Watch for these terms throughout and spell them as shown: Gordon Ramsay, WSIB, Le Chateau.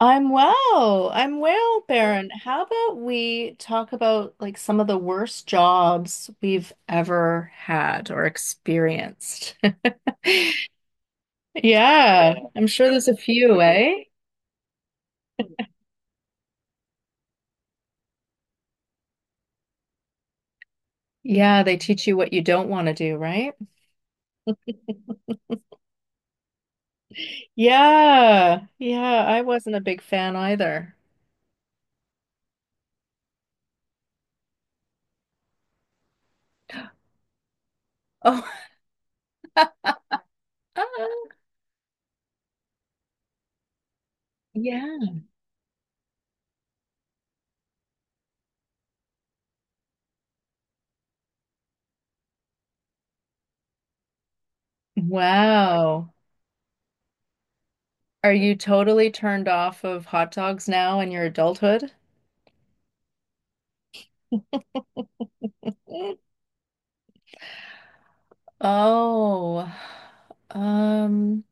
I'm well. I'm well, Baron. How about we talk about, like, some of the worst jobs we've ever had or experienced? Yeah, I'm sure there's a few, eh? Yeah, they teach you what you don't want to do, right? Yeah, yeah, I wasn't a big fan either. Oh, uh, yeah. Wow. Are you totally turned off of hot dogs now in your adulthood? Oh, um,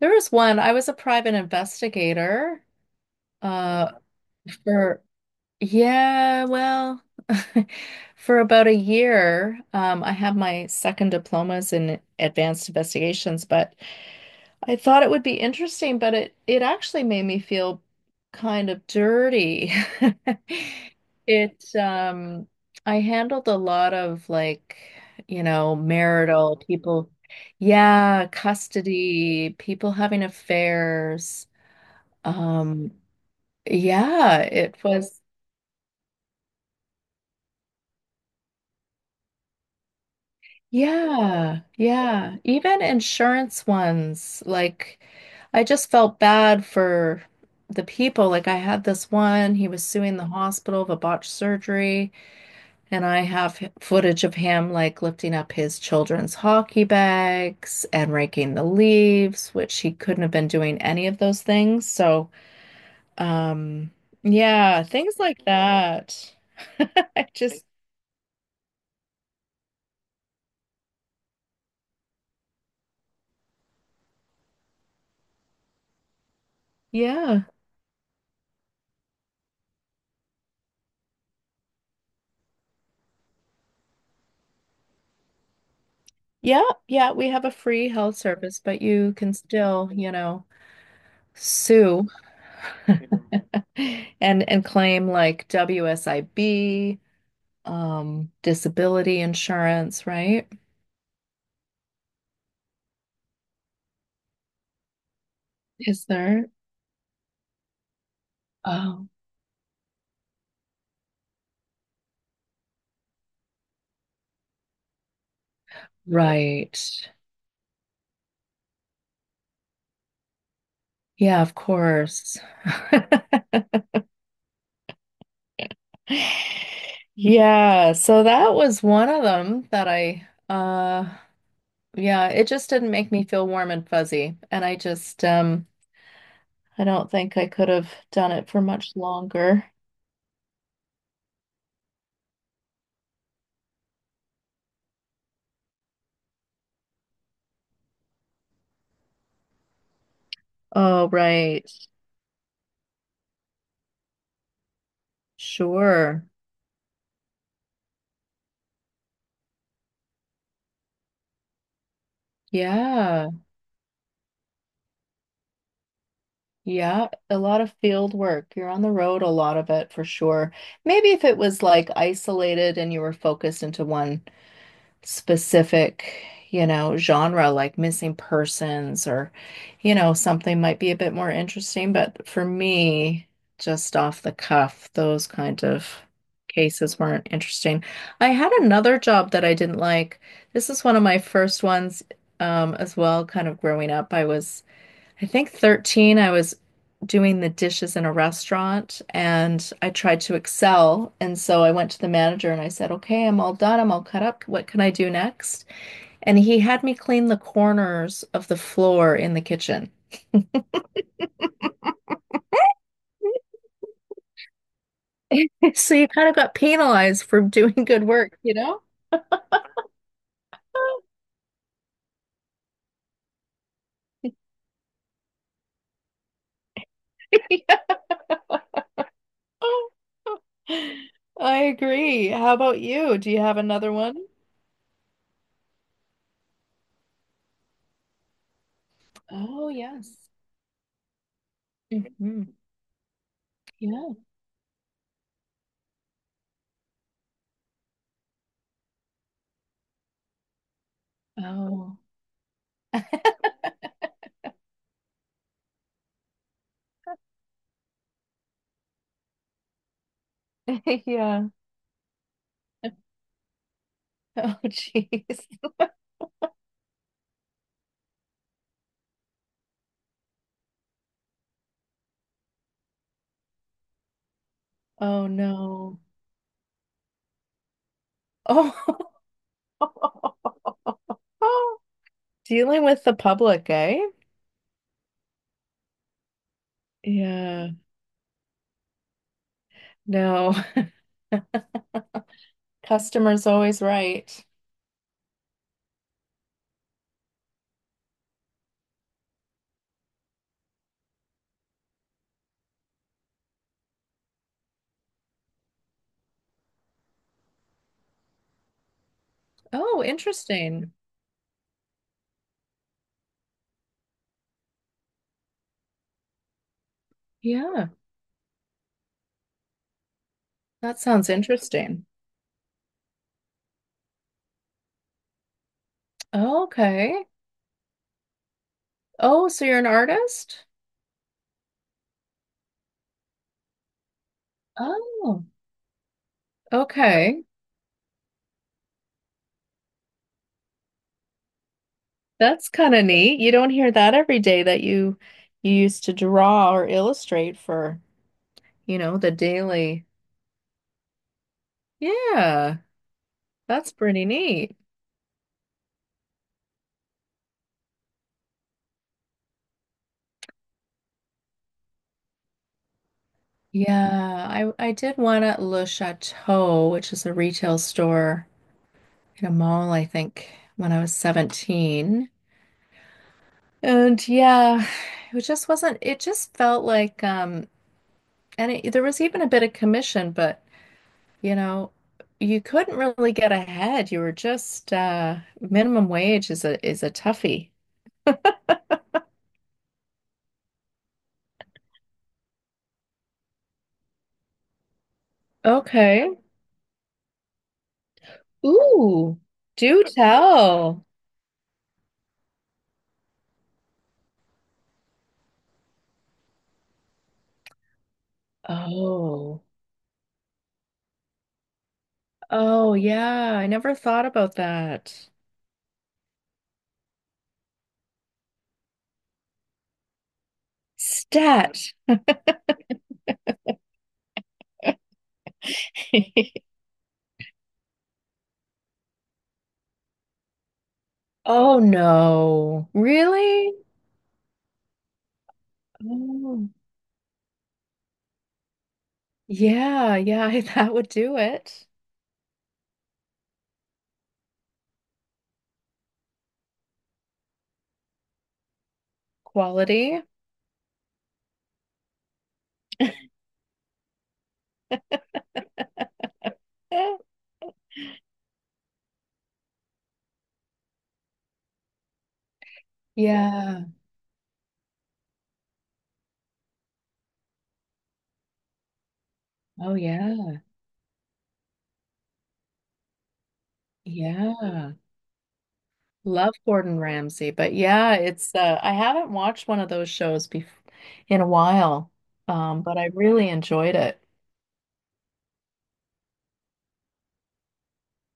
there was one. I was a private investigator, uh, for, yeah, well, for about a year. I have my second diplomas in advanced investigations, but I thought it would be interesting, but it actually made me feel kind of dirty. It I handled a lot of, like, marital people, yeah, custody, people having affairs. Um yeah, it was Yeah, yeah. Even insurance ones, like I just felt bad for the people. Like I had this one, he was suing the hospital of a botched surgery, and I have footage of him like lifting up his children's hockey bags and raking the leaves, which he couldn't have been doing any of those things. So, um, yeah, things like that. I just, yeah. Yeah, yeah, we have a free health service, but you can still, sue and claim like WSIB, disability insurance, right? Is there? Oh, right. Yeah, of course. Yeah, so that was one of them that I yeah, it just didn't make me feel warm and fuzzy. And I don't think I could have done it for much longer. Oh, right. Sure. Yeah. Yeah, a lot of field work. You're on the road a lot of it for sure. Maybe if it was like isolated and you were focused into one specific, genre, like missing persons or, something might be a bit more interesting. But for me, just off the cuff, those kind of cases weren't interesting. I had another job that I didn't like. This is one of my first ones, as well, kind of growing up. I think 13, I was doing the dishes in a restaurant and I tried to excel. And so I went to the manager and I said, "Okay, I'm all done. I'm all cut up. What can I do next?" And he had me clean the corners of the floor in the kitchen. So you kind of got penalized for doing good work, you know? Yeah. I agree. How about you? Do you have another one? Oh, yes. Mhm. Yeah. Oh. Yeah. Oh, jeez. Oh, no. Oh, dealing with the public, eh? Yeah. No, customer's always right. Oh, interesting. Yeah, that sounds interesting. Okay. Oh, so you're an artist? Oh, okay. That's kind of neat. You don't hear that every day, that you used to draw or illustrate for, you know, the daily. Yeah, that's pretty neat. Yeah, I did one at Le Chateau, which is a retail store in a mall, I think, when I was 17. And yeah, it just wasn't, it just felt like there was even a bit of commission, but you know, you couldn't really get ahead. You were just minimum wage is a toughie. Okay. Ooh, do tell. Oh. Oh yeah, I never thought about that. Stat. Oh no. Really? Oh, yeah, yeah, that would do it. Quality. Yeah. Oh yeah. Yeah. Love Gordon Ramsay, but yeah, it's I haven't watched one of those shows bef in a while. But I really enjoyed it.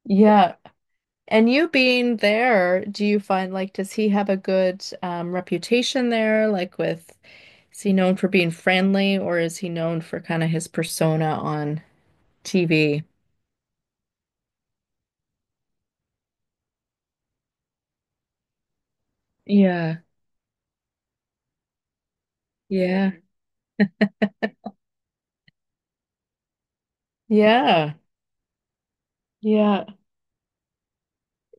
Yeah. And you being there, do you find, like, does he have a good reputation there? Like, with, is he known for being friendly, or is he known for kind of his persona on TV? Yeah, yeah. Yeah, yeah,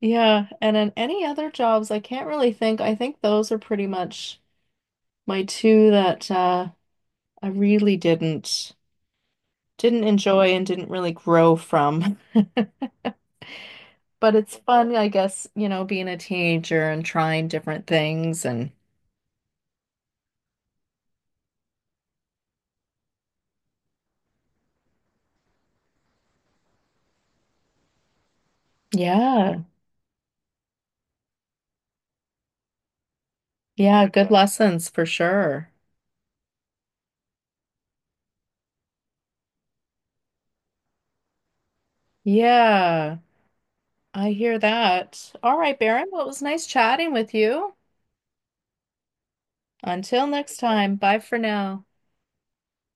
yeah. And in any other jobs, I can't really think. I think those are pretty much my two that I really didn't enjoy and didn't really grow from. But it's fun, I guess, you know, being a teenager and trying different things, and yeah, yeah, good lessons for sure. Yeah, I hear that. All right, Baron, well, it was nice chatting with you. Until next time, bye for now.